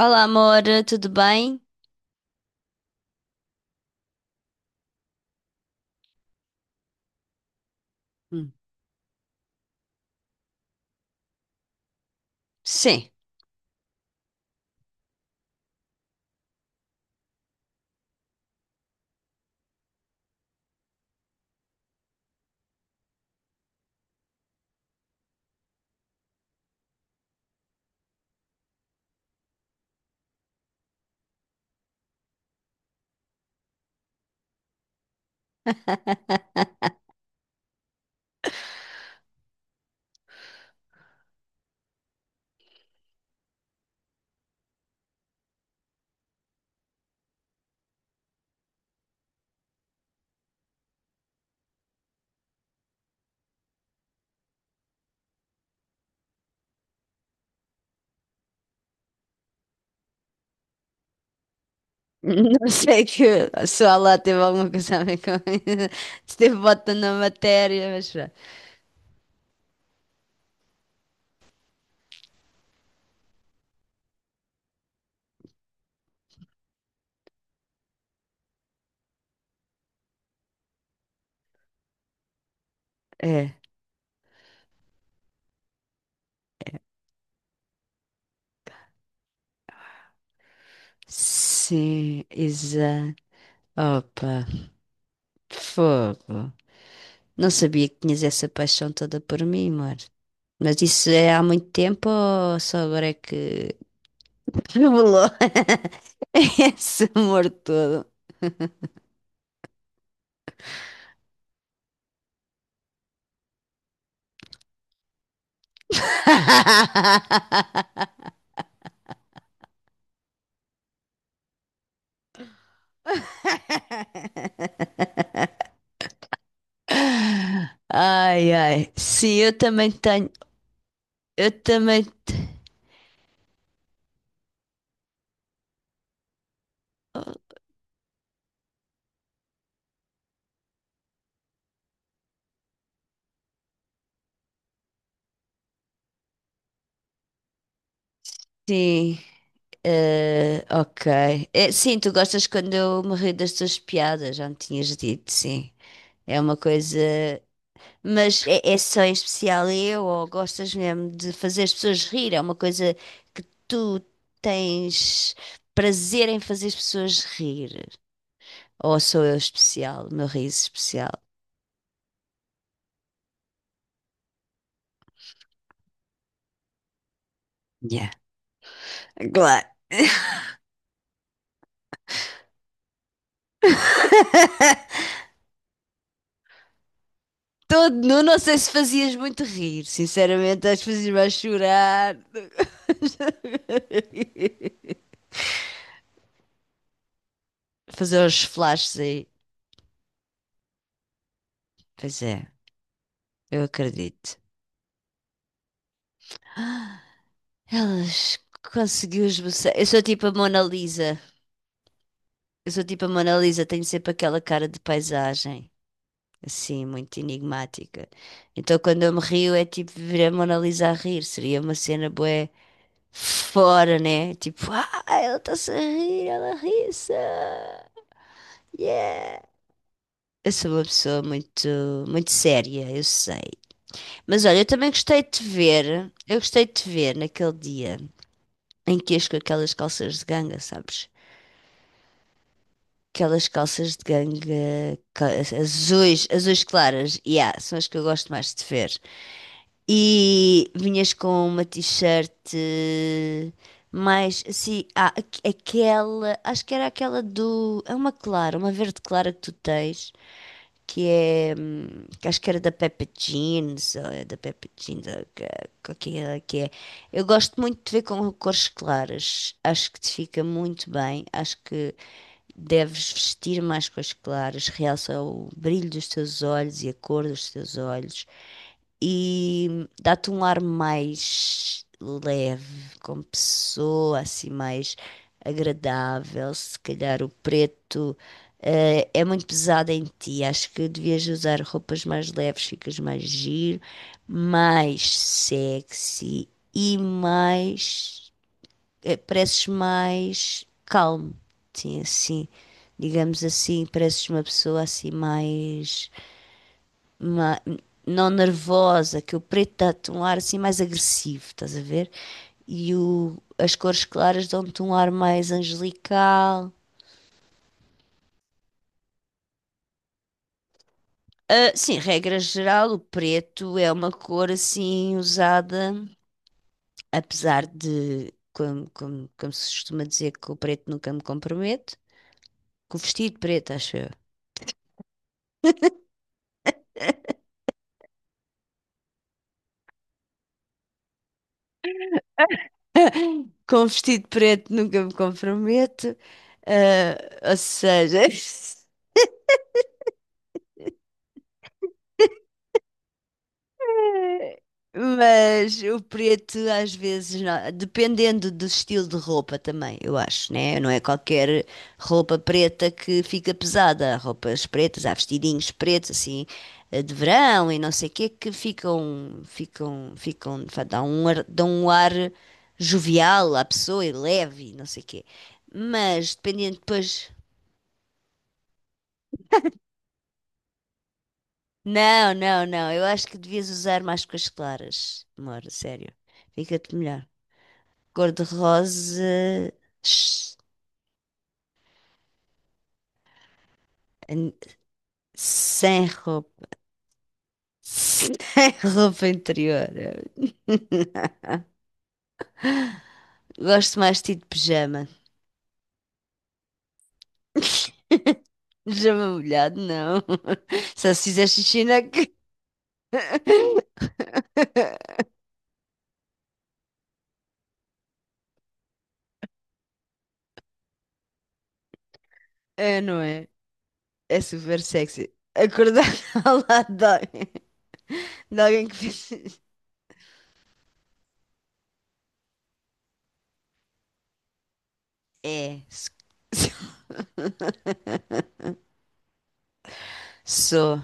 Olá, amor, tudo bem? Hum, Sim. Não sei que se o lá teve alguma coisa a ver com se teve bota na matéria, mas pronto. É. Sim, exato. Opa, fogo. Não sabia que tinhas essa paixão toda por mim, amor. Mas isso é há muito tempo ou só agora é que revelou esse amor todo? Ai, ai. Sim, eu também tenho. Eu também. Sim. Ok. É, sim, tu gostas quando eu me rio das tuas piadas, já me tinhas dito, sim. É uma coisa. Mas é só em especial eu, ou gostas mesmo de fazer as pessoas rir? É uma coisa que tu tens prazer em fazer as pessoas rir? Ou sou eu especial, o meu riso especial? Yeah, claro. Todo nu, não sei se fazias muito rir, sinceramente, acho que fazias-me chorar. Fazer os flashes aí. Pois é, eu acredito. Elas conseguiu esboçar. Eu sou tipo a Mona Lisa. Eu sou tipo a Mona Lisa, tenho sempre aquela cara de paisagem, assim, muito enigmática. Então quando eu me rio é tipo ver a Mona Lisa a rir, seria uma cena bué fora, né? Tipo, ah, ela está-se a rir, ela ri-se. Yeah! Eu sou uma pessoa muito, muito séria, eu sei. Mas olha, eu também gostei de te ver, eu gostei de te ver naquele dia em que ias com aquelas calças de ganga, sabes? Aquelas calças de ganga azuis, azuis claras, yeah, são as que eu gosto mais de ver. E vinhas com uma t-shirt mais assim, ah, aquela, acho que era aquela do, é uma clara, uma verde clara que tu tens. Que é. Que acho que era da Peppa Jeans, ou é da Peppa Jeans, ou qual que é. Eu gosto muito de ver com cores claras, acho que te fica muito bem, acho que deves vestir mais cores claras, realça o brilho dos teus olhos e a cor dos teus olhos, e dá-te um ar mais leve, como pessoa, assim, mais agradável, se calhar o preto. É muito pesada em ti. Acho que devias usar roupas mais leves, ficas mais giro, mais sexy e mais. Pareces mais calmo. Sim, assim. Digamos assim, pareces uma pessoa assim mais. ma- não nervosa, que o preto dá-te um ar assim mais agressivo, estás a ver? E as cores claras dão-te um ar mais angelical. Ah, sim, regra geral, o preto é uma cor assim usada, apesar de, como se costuma dizer, que o preto nunca me compromete, com o vestido preto, acho eu. Com o vestido preto nunca me comprometo, ah, ou seja. Mas o preto às vezes, não- dependendo do estilo de roupa também, eu acho, né? Não é qualquer roupa preta que fica pesada. Há roupas pretas, há vestidinhos pretos, assim, de verão e não sei o quê, que ficam, dão um dão um ar jovial à pessoa e leve, e não sei o quê. Mas dependendo depois. Não, não, não. Eu acho que devias usar mais coisas claras, amor, sério. Fica-te melhor. Cor-de-rosa. s- an- Sem roupa. Sem roupa interior. Gosto mais de ti de pijama. Pijama molhado, não. Só se fizer xixi na... É, não é? É super sexy. Acordar ao lado de alguém que fez... isso. É. Se- Sou.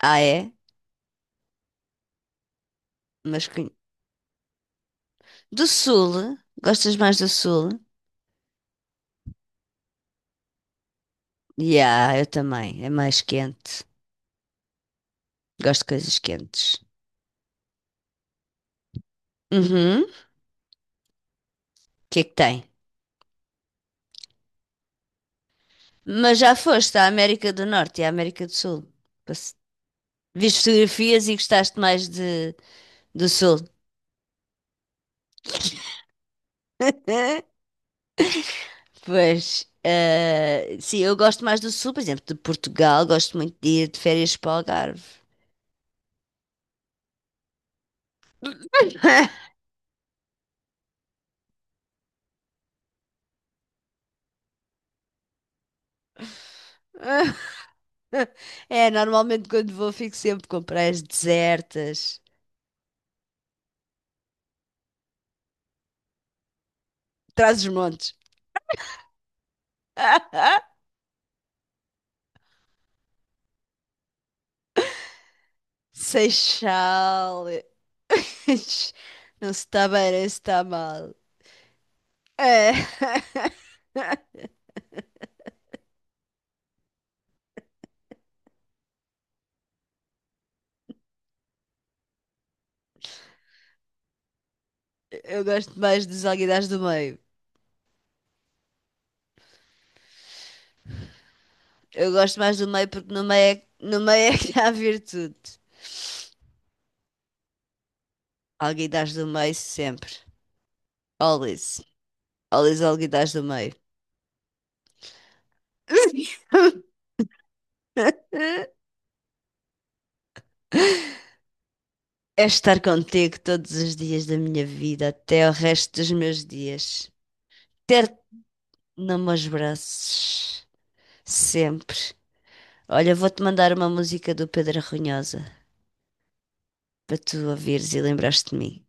Ah, é? Mas conhe- Do Sul? Gostas mais do Sul? Yeah, eu também. É mais quente. Gosto de coisas quentes. Uhum. O que é que tem? Mas já foste à América do Norte e à América do Sul. Passe- Viste fotografias e gostaste mais de, do Sul. Pois, sim, eu gosto mais do Sul, por exemplo, de Portugal, gosto muito de ir de férias para o Algarve. É, normalmente quando vou fico sempre com praias desertas. Trás-os-Montes. Seixal. Não se está bem, nem se está mal. É. Eu gosto mais dos alguidares do meio. Eu gosto mais do meio porque no meio é que há virtude. Alguidares do meio sempre. Always. Always alguidares do meio. É estar contigo todos os dias da minha vida, até o resto dos meus dias. Ter-te nos meus braços. Sempre. Olha, vou-te mandar uma música do Pedro Arronhosa para tu ouvires e lembrar-te de mim.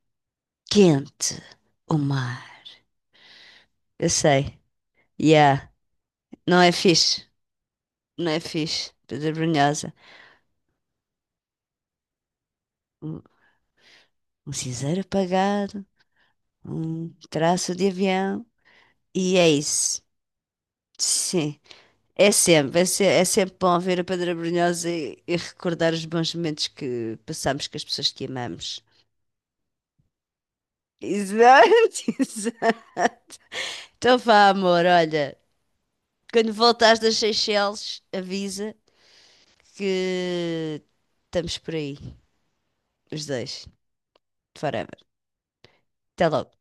Quente, o mar. Eu sei. Yeah. Não é fixe. Não é fixe. Pedra Brunhosa. Um, um cinzeiro apagado, um traço de avião. E é isso. Sim. É sempre, é sempre bom ver a Pedra Brunhosa e recordar os bons momentos que passámos com as pessoas que amamos. Exato, exato. Então vá, amor, olha. Quando voltares das Seychelles, avisa que estamos por aí, os dois, forever. Até logo.